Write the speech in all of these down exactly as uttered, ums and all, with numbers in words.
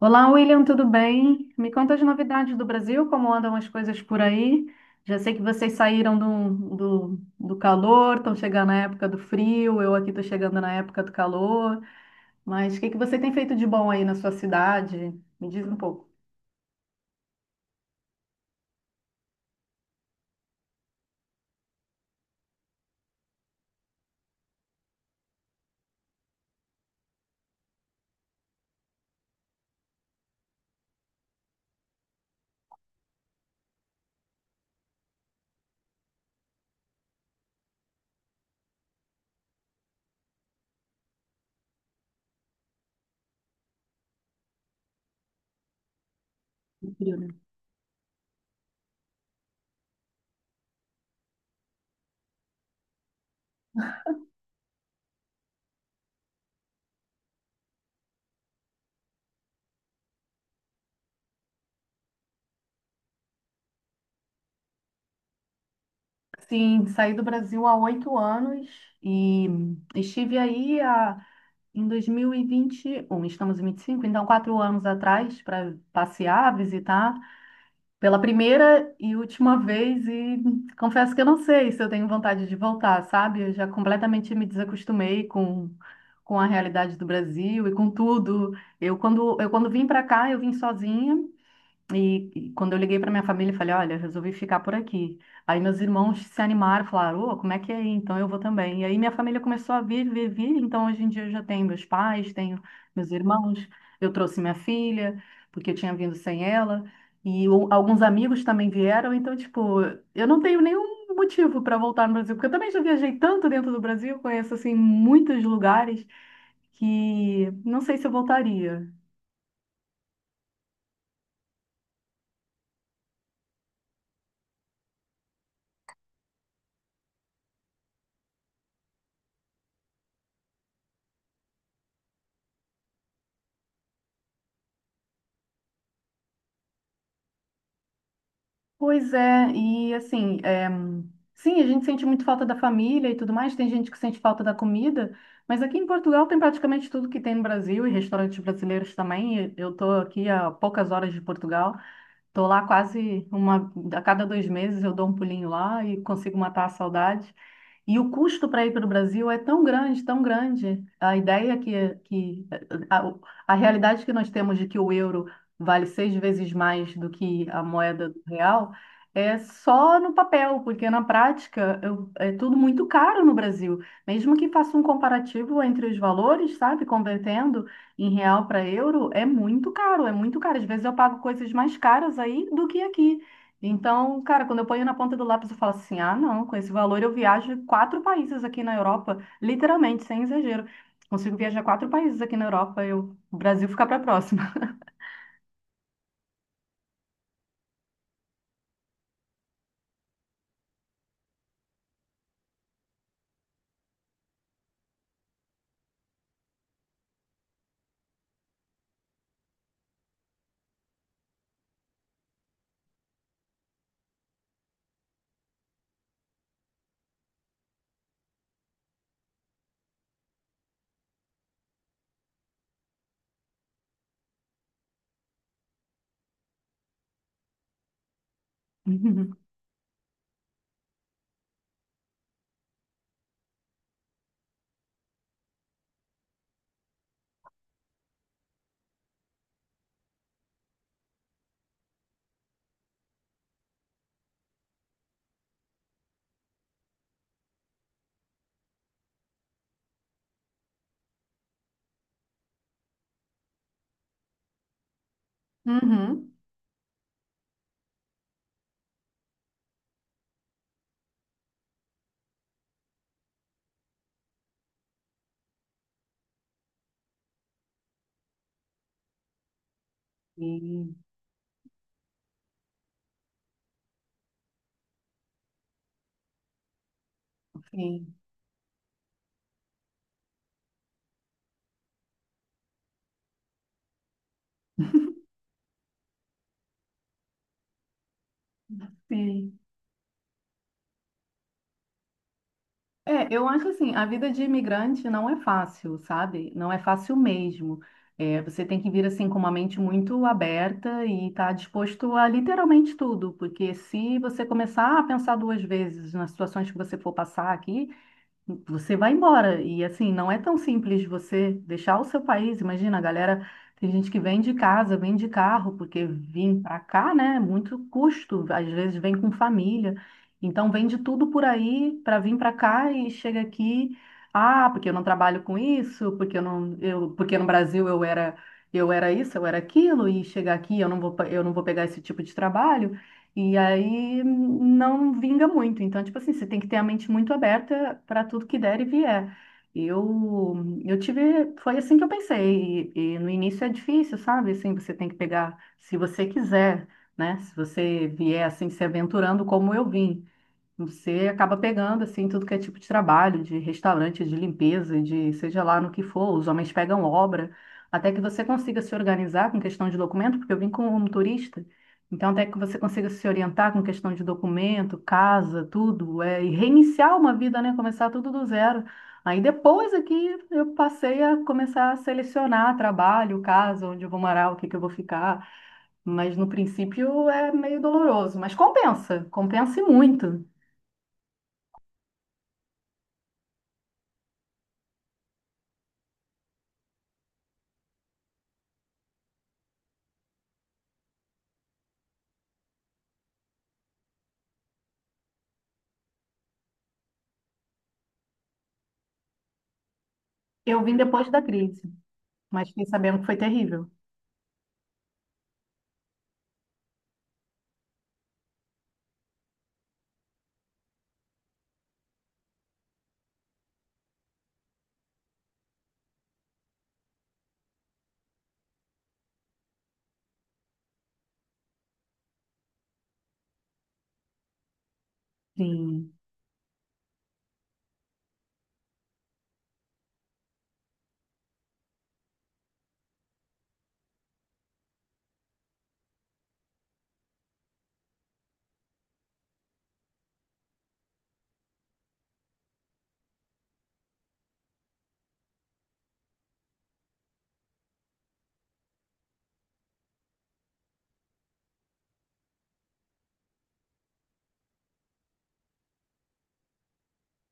Olá, William, tudo bem? Me conta as novidades do Brasil, como andam as coisas por aí? Já sei que vocês saíram do, do, do calor, estão chegando na época do frio, eu aqui estou chegando na época do calor, mas o que que você tem feito de bom aí na sua cidade? Me diz um pouco. Do frio, né? Sim, saí do Brasil há oito anos e estive aí há, em dois mil e vinte e um, estamos em dois mil e vinte e cinco, então quatro anos atrás, para passear, visitar pela primeira e última vez. E confesso que eu não sei se eu tenho vontade de voltar, sabe? Eu já completamente me desacostumei com, com a realidade do Brasil e com tudo. Eu quando eu quando vim para cá, eu vim sozinha e, e quando eu liguei para minha família, eu falei, olha, resolvi ficar por aqui. Aí meus irmãos se animaram, falaram, ô, como é que é aí? Então eu vou também. E aí minha família começou a vir, vir, vir. Então hoje em dia eu já tenho meus pais, tenho meus irmãos. Eu trouxe minha filha, porque eu tinha vindo sem ela. E o- alguns amigos também vieram. Então, tipo, eu não tenho nenhum motivo para voltar no Brasil, porque eu também já viajei tanto dentro do Brasil, conheço, assim, muitos lugares, que não sei se eu voltaria. Pois é, e assim, é, sim, a gente sente muito falta da família e tudo mais, tem gente que sente falta da comida, mas aqui em Portugal tem praticamente tudo que tem no Brasil e restaurantes brasileiros também. E Eu estou aqui a poucas horas de Portugal, estou lá quase uma, a cada dois meses eu dou um pulinho lá e consigo matar a saudade. E o custo para ir para o Brasil é tão grande, tão grande. A ideia que, que a, a realidade que nós temos de que o euro vale seis vezes mais do que a moeda do real é só no papel, porque na prática eu- é tudo muito caro no Brasil. Mesmo que faça um comparativo entre os valores, sabe, convertendo em real para euro, é muito caro, é muito caro. Às vezes eu pago coisas mais caras aí do que aqui. Então, cara, quando eu ponho na ponta do lápis, eu falo assim: ah, não, com esse valor eu viajo quatro países aqui na Europa, literalmente, sem exagero. Consigo viajar quatro países aqui na Europa, eu, o Brasil fica para próxima. Uhum. Uhum. Sim, sim, sim. É, eu acho assim, a vida de imigrante não é fácil, sabe? Não é fácil mesmo. É, você tem que vir assim com uma mente muito aberta e estar disposto a literalmente tudo, porque se você começar a pensar duas vezes nas situações que você for passar aqui, você vai embora. E assim, não é tão simples você deixar o seu país. Imagina, a galera, tem gente que vem de casa, vem de carro, porque vir para cá, né, é muito custo. Às vezes vem com família. Então vende tudo por aí para vir para cá e chega aqui, ah, porque eu não trabalho com isso, porque eu não, eu, porque no Brasil eu era eu era isso, eu era aquilo, e chegar aqui eu não vou, pe- eu não vou pegar esse tipo de trabalho. E aí não vinga muito. Então, tipo assim, você tem que ter a mente muito aberta para tudo que der e vier. Eu, eu tive, foi assim que eu pensei. E, e no início é difícil, sabe? Assim, você tem que pegar, se você quiser, né? Se você vier assim se aventurando como eu vim. Você acaba pegando assim tudo que é tipo de trabalho, de restaurante, de limpeza, de seja lá no que for, os homens pegam obra, até que você consiga se organizar com questão de documento, porque eu vim como um turista, então até que você consiga se orientar com questão de documento, casa, tudo, é, e reiniciar uma vida, né? Começar tudo do zero. Aí depois aqui eu passei a começar a selecionar trabalho, casa, onde eu vou morar, o que que eu vou ficar, mas no princípio é meio doloroso, mas compensa, compensa e muito. Eu vim depois da crise, mas fiquei sabendo que foi terrível. Sim.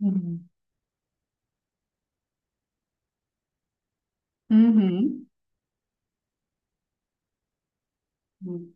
Uhum. Uhum. Uhum.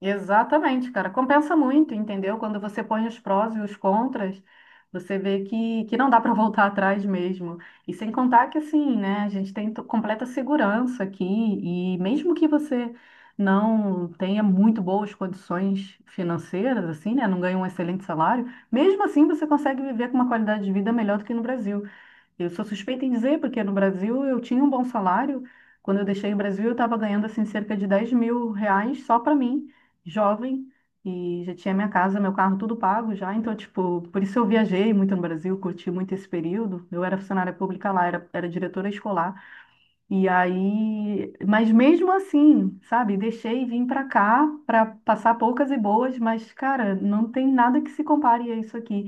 Exatamente, cara. Compensa muito, entendeu? Quando você põe os prós e os contras, você vê que, que não dá para voltar atrás mesmo. E sem contar que, assim, né, a gente tem to- completa segurança aqui, e mesmo que você não tenha muito boas condições financeiras, assim, né, não ganhe um excelente salário, mesmo assim você consegue viver com uma qualidade de vida melhor do que no Brasil. Eu sou suspeita em dizer, porque no Brasil eu tinha um bom salário. Quando eu deixei o Brasil, eu estava ganhando assim cerca de dez mil reais só para mim, jovem, e já tinha minha casa, meu carro, tudo pago já. Então, tipo, por isso eu viajei muito no Brasil, curti muito esse período. Eu era funcionária pública lá, era, era diretora escolar. E aí, mas mesmo assim, sabe, deixei vir para cá para passar poucas e boas, mas cara, não tem nada que se compare a isso aqui.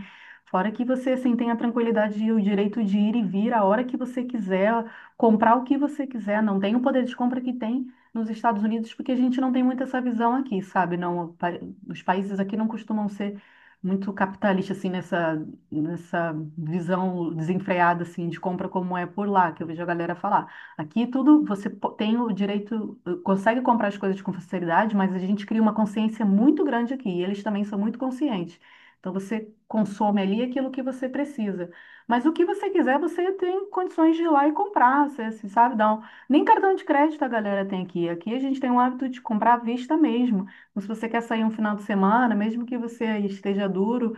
Fora que você assim tem a tranquilidade e o direito de ir e vir a hora que você quiser, comprar o que você quiser, não tem o poder de compra que tem nos Estados Unidos, porque a gente não tem muito essa visão aqui, sabe? Não, pa- os países aqui não costumam ser muito capitalistas assim nessa nessa visão desenfreada assim de compra como é por lá, que eu vejo a galera falar. Aqui tudo você po- tem o direito, eh, consegue comprar as coisas com facilidade, mas a gente cria uma consciência muito grande aqui. E eles também são muito conscientes. Então você consome ali aquilo que você precisa. Mas o que você quiser, você tem condições de ir lá e comprar. Você, assim, sabe, dá um- Nem cartão de crédito a galera tem aqui. Aqui a gente tem o hábito de comprar à vista mesmo. Então, se você quer sair um final de semana, mesmo que você esteja duro,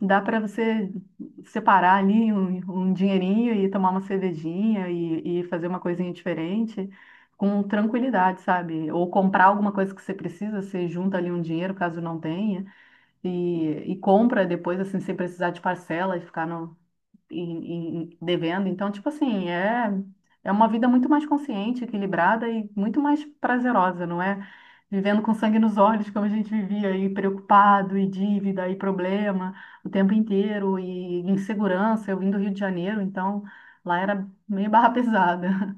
dá para você separar ali um, um dinheirinho e tomar uma cervejinha e, e fazer uma coisinha diferente com tranquilidade, sabe? Ou comprar alguma coisa que você precisa, você junta ali um dinheiro caso não tenha e, e compra depois, assim, sem precisar de parcela e ficar no, em- em- devendo. Então, tipo assim, é, é uma vida muito mais consciente, equilibrada e muito mais prazerosa, não é? Vivendo com sangue nos olhos, como a gente vivia aí, preocupado, e dívida, e problema o tempo inteiro, e insegurança. Eu vim do Rio de Janeiro, então lá era meio barra pesada.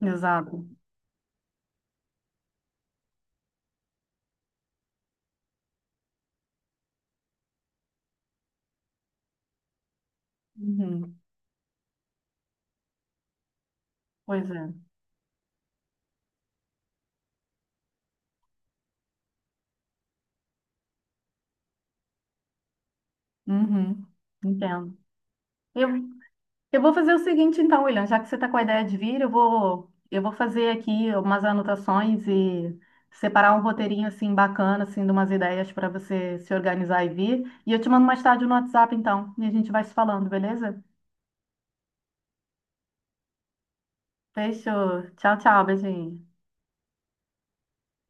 Exato. Uhum. Pois é. Uhum. Entendo. Eu, eu vou fazer o seguinte, então, William, já que você está com a ideia de vir, eu vou, eu vou fazer aqui umas anotações e separar um roteirinho assim bacana, assim, de umas ideias para você se organizar e vir. E eu te mando mais tarde no WhatsApp, então, e a gente vai se falando, beleza? Fechou. Tchau, tchau, beijinho.